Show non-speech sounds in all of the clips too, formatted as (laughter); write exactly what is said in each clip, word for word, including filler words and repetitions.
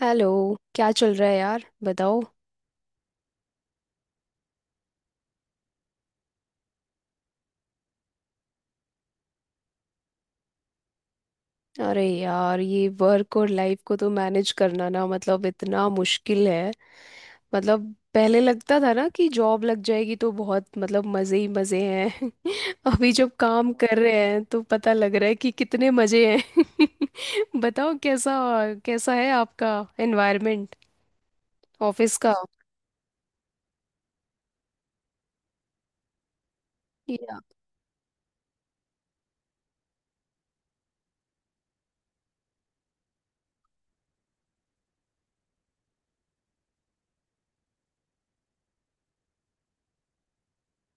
Hello. क्या चल रहा है यार, बताओ। अरे यार, ये वर्क और लाइफ को तो मैनेज करना ना, मतलब इतना मुश्किल है। मतलब पहले लगता था ना कि जॉब लग जाएगी तो बहुत, मतलब मज़े ही मज़े हैं। (laughs) अभी जब काम कर रहे हैं तो पता लग रहा है कि कितने मज़े हैं। (laughs) बताओ कैसा, कैसा है आपका एनवायरनमेंट, ऑफिस का।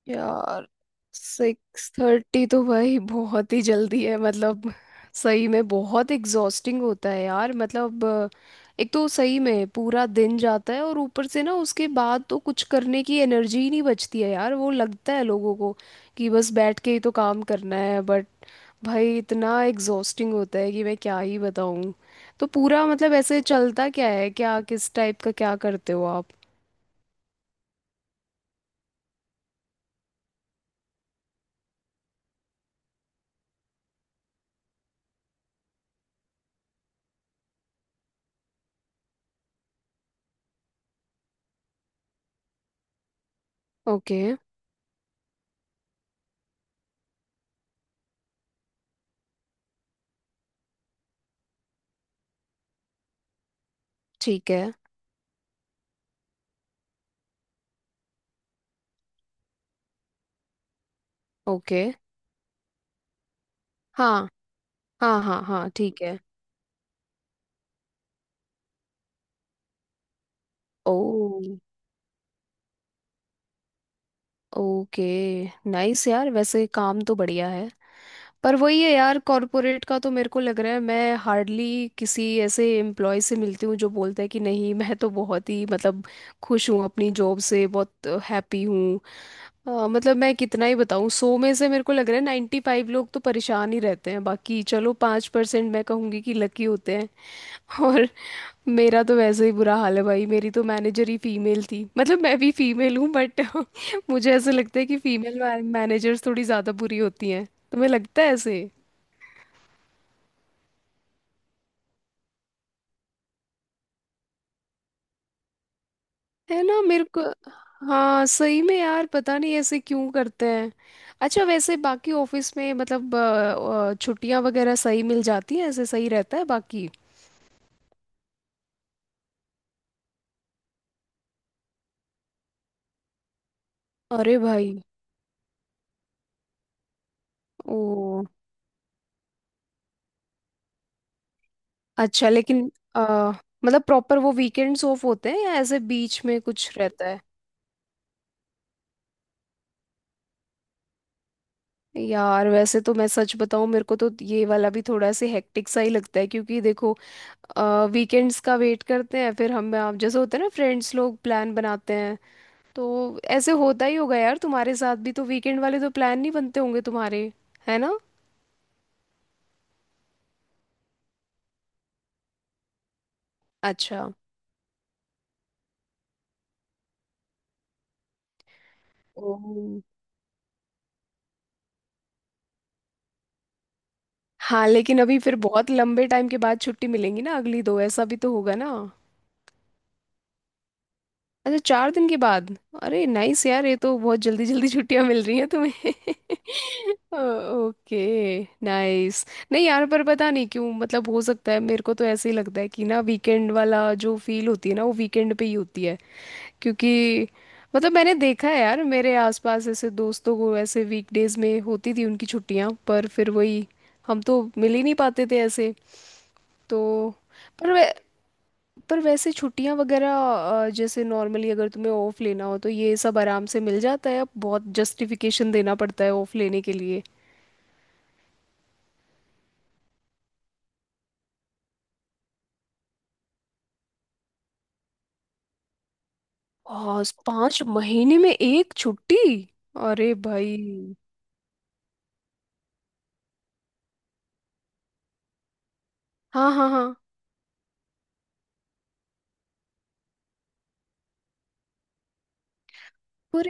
यार सिक्स थर्टी तो भाई बहुत ही जल्दी है। मतलब सही में बहुत एग्जॉस्टिंग होता है यार, मतलब अ, एक तो सही में पूरा दिन जाता है और ऊपर से ना, उसके बाद तो कुछ करने की एनर्जी ही नहीं बचती है यार। वो लगता है लोगों को कि बस बैठ के ही तो काम करना है, बट भाई इतना एग्जॉस्टिंग होता है कि मैं क्या ही बताऊँ। तो पूरा मतलब ऐसे चलता क्या है, क्या किस टाइप का क्या करते हो आप। ओके। ठीक है। ओके। हाँ, हाँ, हाँ, हाँ, ठीक है। Oh, okay. नाइस यार, वैसे काम तो बढ़िया है। पर वही है यार, कॉरपोरेट का तो मेरे को लग रहा है मैं हार्डली किसी ऐसे एम्प्लॉय से मिलती हूँ जो बोलता है कि नहीं। (laughs) मैं तो बहुत ही मतलब खुश हूँ अपनी जॉब से, बहुत हैप्पी हूँ। अ, मतलब मैं कितना ही बताऊँ, सौ में से मेरे को लग रहा है नाइन्टी फाइव लोग तो परेशान ही रहते हैं, बाकी चलो पाँच परसेंट मैं कहूँगी कि लकी होते हैं। (laughs) और मेरा तो वैसे ही बुरा हाल है भाई। मेरी तो मैनेजर ही फीमेल थी, मतलब मैं भी फीमेल हूँ, बट (laughs) मुझे ऐसा लगता है कि फीमेल मैनेजर्स थोड़ी ज़्यादा बुरी होती हैं। तुम्हें लगता है ऐसे? है ना? मेरे को हाँ, सही में यार, पता नहीं ऐसे क्यों करते हैं। अच्छा वैसे बाकी ऑफिस में मतलब अ, अ, छुट्टियां वगैरह सही मिल जाती हैं, ऐसे सही रहता है बाकी? अरे भाई। ओ अच्छा, लेकिन अ, मतलब प्रॉपर वो वीकेंड्स ऑफ होते हैं या ऐसे बीच में कुछ रहता है? यार वैसे तो मैं सच बताऊं, मेरे को तो ये वाला भी थोड़ा सा हेक्टिक सा ही लगता है, क्योंकि देखो वीकेंड्स का वेट करते हैं, फिर हम आप जैसे होते हैं ना फ्रेंड्स लोग प्लान बनाते हैं। तो ऐसे होता ही होगा यार तुम्हारे साथ भी, तो वीकेंड वाले तो प्लान नहीं बनते होंगे तुम्हारे, है ना? अच्छा। ओह हाँ, लेकिन अभी फिर बहुत लंबे टाइम के बाद छुट्टी मिलेंगी ना अगली दो, ऐसा भी तो होगा ना। अच्छा, चार दिन के बाद। अरे नाइस यार, ये तो बहुत जल्दी जल्दी छुट्टियां मिल रही हैं तुम्हें। (laughs) Okay nice. नहीं यार, पर पता नहीं क्यों, मतलब हो सकता है मेरे को तो ऐसे ही लगता है कि ना, वीकेंड वाला जो फील होती है ना, वो वीकेंड पे ही होती है। क्योंकि मतलब मैंने देखा है यार, मेरे आसपास ऐसे दोस्तों को ऐसे वीकडेज में होती थी उनकी छुट्टियां, पर फिर वही, हम तो मिल ही नहीं पाते थे ऐसे। तो पर वे- पर वैसे छुट्टियां वगैरह, अ, जैसे नॉर्मली अगर तुम्हें ऑफ लेना हो तो ये सब आराम से मिल जाता है? अब बहुत जस्टिफिकेशन देना पड़ता है ऑफ लेने के लिए? और पांच महीने में एक छुट्टी? अरे भाई। हाँ, हाँ, हाँ। पर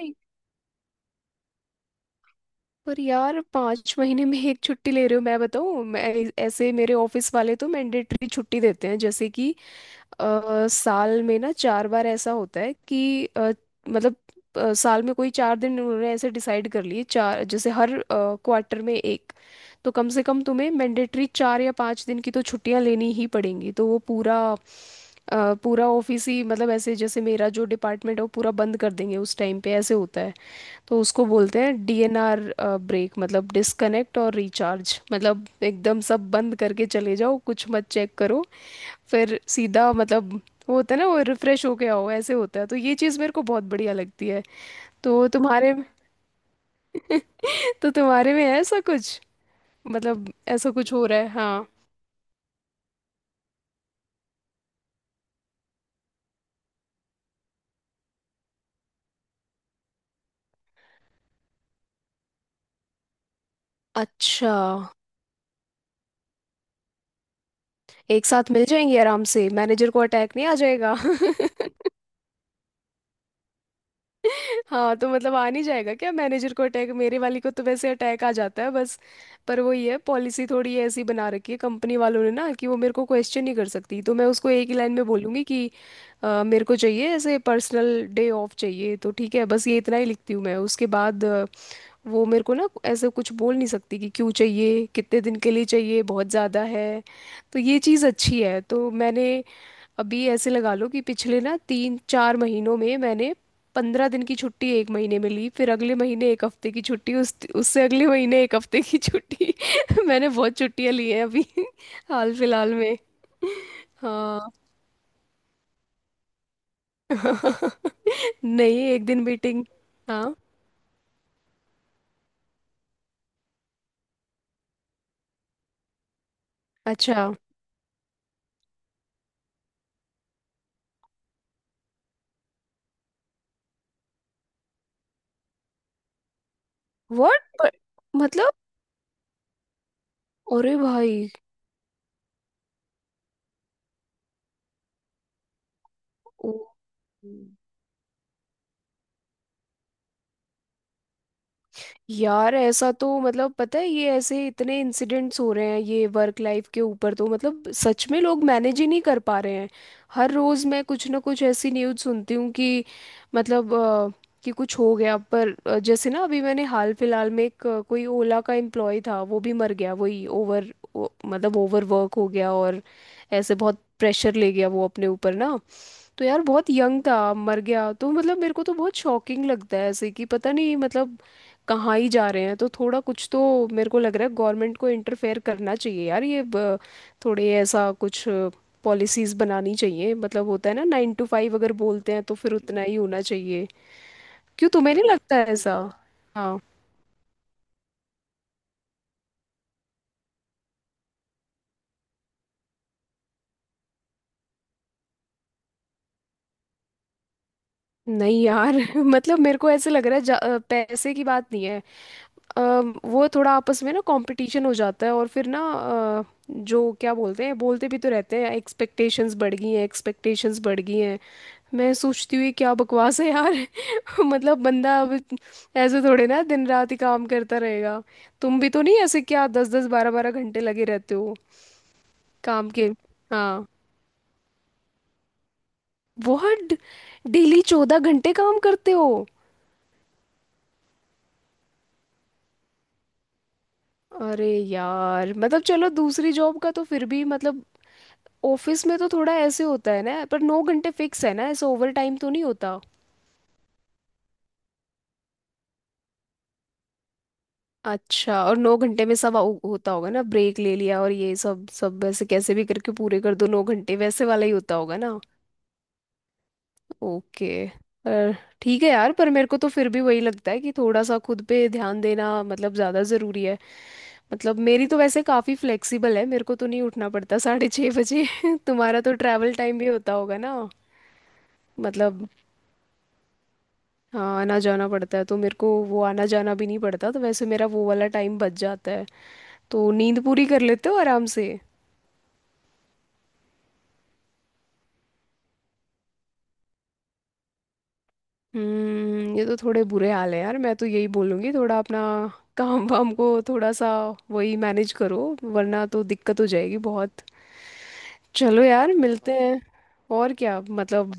पर यार पांच महीने में एक छुट्टी ले रहे हो? मैं बताऊँ, मैं ऐसे मेरे ऑफिस वाले तो मैंडेटरी छुट्टी देते हैं, जैसे कि अ, साल में ना चार बार ऐसा होता है कि अ, मतलब अ, साल में कोई चार दिन उन्होंने ऐसे डिसाइड कर लिए, चार, जैसे हर क्वार्टर में एक। तो कम से कम तुम्हें मैंडेटरी चार या पाँच दिन की तो छुट्टियां लेनी ही पड़ेंगी, तो वो पूरा अ, पूरा ऑफिस ही, मतलब ऐसे जैसे मेरा जो डिपार्टमेंट है वो पूरा बंद कर देंगे उस टाइम पे, ऐसे होता है। तो उसको बोलते हैं डी एन आर ब्रेक, मतलब डिस्कनेक्ट और रिचार्ज, मतलब एकदम सब बंद करके चले जाओ, कुछ मत चेक करो। फिर सीधा मतलब वो होता है ना, वो रिफ्रेश होके आओ, ऐसे होता है। तो ये चीज़ मेरे को बहुत बढ़िया लगती है। तो तुम्हारे में? (laughs) तो तुम्हारे में है ऐसा कुछ? मतलब ऐसा कुछ हो रहा है, हाँ? अच्छा। एक साथ मिल जाएंगे आराम से, मैनेजर को अटैक नहीं आ जाएगा? (laughs) हाँ, तो मतलब आ नहीं जाएगा क्या मैनेजर को अटैक? मेरे वाली को तो वैसे अटैक आ जाता है बस। पर वो ये है, पॉलिसी थोड़ी ऐसी बना रखी है कंपनी वालों ने ना कि वो मेरे को क्वेश्चन नहीं कर सकती। तो मैं उसको एक ही लाइन में बोलूँगी कि अ, मेरे को चाहिए ऐसे, पर्सनल डे ऑफ चाहिए तो ठीक है, बस ये इतना ही लिखती हूँ मैं। उसके बाद वो मेरे को ना ऐसे कुछ बोल नहीं सकती कि क्यों चाहिए, कितने दिन के लिए चाहिए, बहुत ज़्यादा है। तो ये चीज़ अच्छी है। तो मैंने अभी ऐसे लगा लो कि पिछले ना तीन चार महीनों में मैंने पंद्रह दिन की छुट्टी एक महीने में ली, फिर अगले महीने एक हफ्ते की छुट्टी, उस उससे अगले महीने एक हफ्ते की छुट्टी। (laughs) मैंने बहुत छुट्टियां ली हैं अभी। (laughs) हाल फिलहाल में। हाँ। (laughs) नहीं एक दिन मीटिंग। हाँ अच्छा। व्हाट? मतलब? अरे भाई। ओ, हम्म। यार ऐसा तो, मतलब पता है, ये ऐसे इतने इंसिडेंट्स हो रहे हैं ये वर्क लाइफ के ऊपर। तो मतलब सच में लोग मैनेज ही नहीं कर पा रहे हैं। हर रोज मैं कुछ ना कुछ ऐसी न्यूज़ सुनती हूँ कि मतलब अ, कि कुछ हो गया। पर अ, जैसे ना अभी मैंने हाल फिलहाल में एक अ, कोई ओला का एम्प्लॉय था, वो भी मर गया, वही ओवर मतलब ओवर वर्क हो गया, और ऐसे बहुत प्रेशर ले गया वो अपने ऊपर ना। तो यार बहुत यंग था मर गया, तो मतलब मेरे को तो बहुत शॉकिंग लगता है, ऐसे कि पता नहीं मतलब कहाँ ही जा रहे हैं। तो थोड़ा कुछ तो मेरे को लग रहा है गवर्नमेंट को इंटरफेयर करना चाहिए यार, ये ब- थोड़े ऐसा कुछ पॉलिसीज बनानी चाहिए। मतलब होता है ना नाइन टू फाइव, अगर बोलते हैं तो फिर उतना ही होना चाहिए। क्यों, तुम्हें नहीं लगता है ऐसा? नहीं यार। (laughs) मतलब मेरे को ऐसे लग रहा है जा- अ, पैसे की बात नहीं है। अ, वो थोड़ा आपस में ना कंपटीशन हो जाता है, और फिर ना अ, जो क्या बोलते हैं, बोलते भी तो रहते हैं एक्सपेक्टेशंस बढ़ गई हैं, एक्सपेक्टेशंस बढ़ गई हैं। मैं सोचती हुई क्या बकवास है यार। (laughs) मतलब बंदा अब ऐसे थोड़े ना दिन रात ही काम करता रहेगा। तुम भी तो नहीं ऐसे क्या दस दस बारह बारह घंटे लगे रहते हो काम के? हाँ? बहुत! डेली चौदह घंटे काम करते हो? अरे यार, मतलब चलो दूसरी जॉब का तो फिर भी मतलब, ऑफिस में तो थोड़ा ऐसे होता है ना, पर नौ घंटे फिक्स है ना, ऐसे ओवर टाइम तो नहीं होता? अच्छा, और नौ घंटे में सब हो- होता होगा ना, ब्रेक ले लिया और ये सब सब ऐसे कैसे भी करके पूरे कर दो नौ घंटे वैसे वाला ही होता होगा ना? ओके। पर ठीक है यार, पर मेरे को तो फिर भी वही लगता है कि थोड़ा सा खुद पे ध्यान देना मतलब ज़्यादा ज़रूरी है। मतलब मेरी तो वैसे काफ़ी फ्लेक्सिबल है, मेरे को तो नहीं उठना पड़ता साढ़े छः बजे। (laughs) तुम्हारा तो ट्रैवल टाइम भी होता होगा ना, मतलब। हाँ, आना जाना पड़ता है तो, मेरे को वो आना जाना भी नहीं पड़ता, तो वैसे मेरा वो वाला टाइम बच जाता है। तो नींद पूरी कर लेते हो आराम से? हम्म। ये तो थोड़े बुरे हाल है यार। मैं तो यही बोलूँगी थोड़ा अपना काम वाम को थोड़ा सा वही मैनेज करो, वरना तो दिक्कत हो जाएगी बहुत। चलो यार मिलते हैं और, क्या मतलब।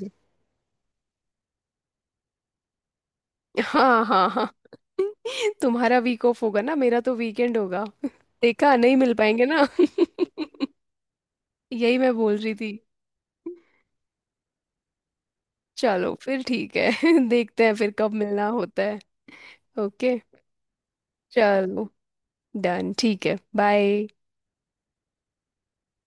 हाँ, हाँ, हाँ। (laughs) तुम्हारा वीक ऑफ होगा ना, मेरा तो वीकेंड होगा। (laughs) देखा नहीं मिल पाएंगे ना। (laughs) यही मैं बोल रही थी। चलो फिर ठीक है। (laughs) देखते हैं फिर कब मिलना होता है। ओके चलो। डन, ठीक है, बाय।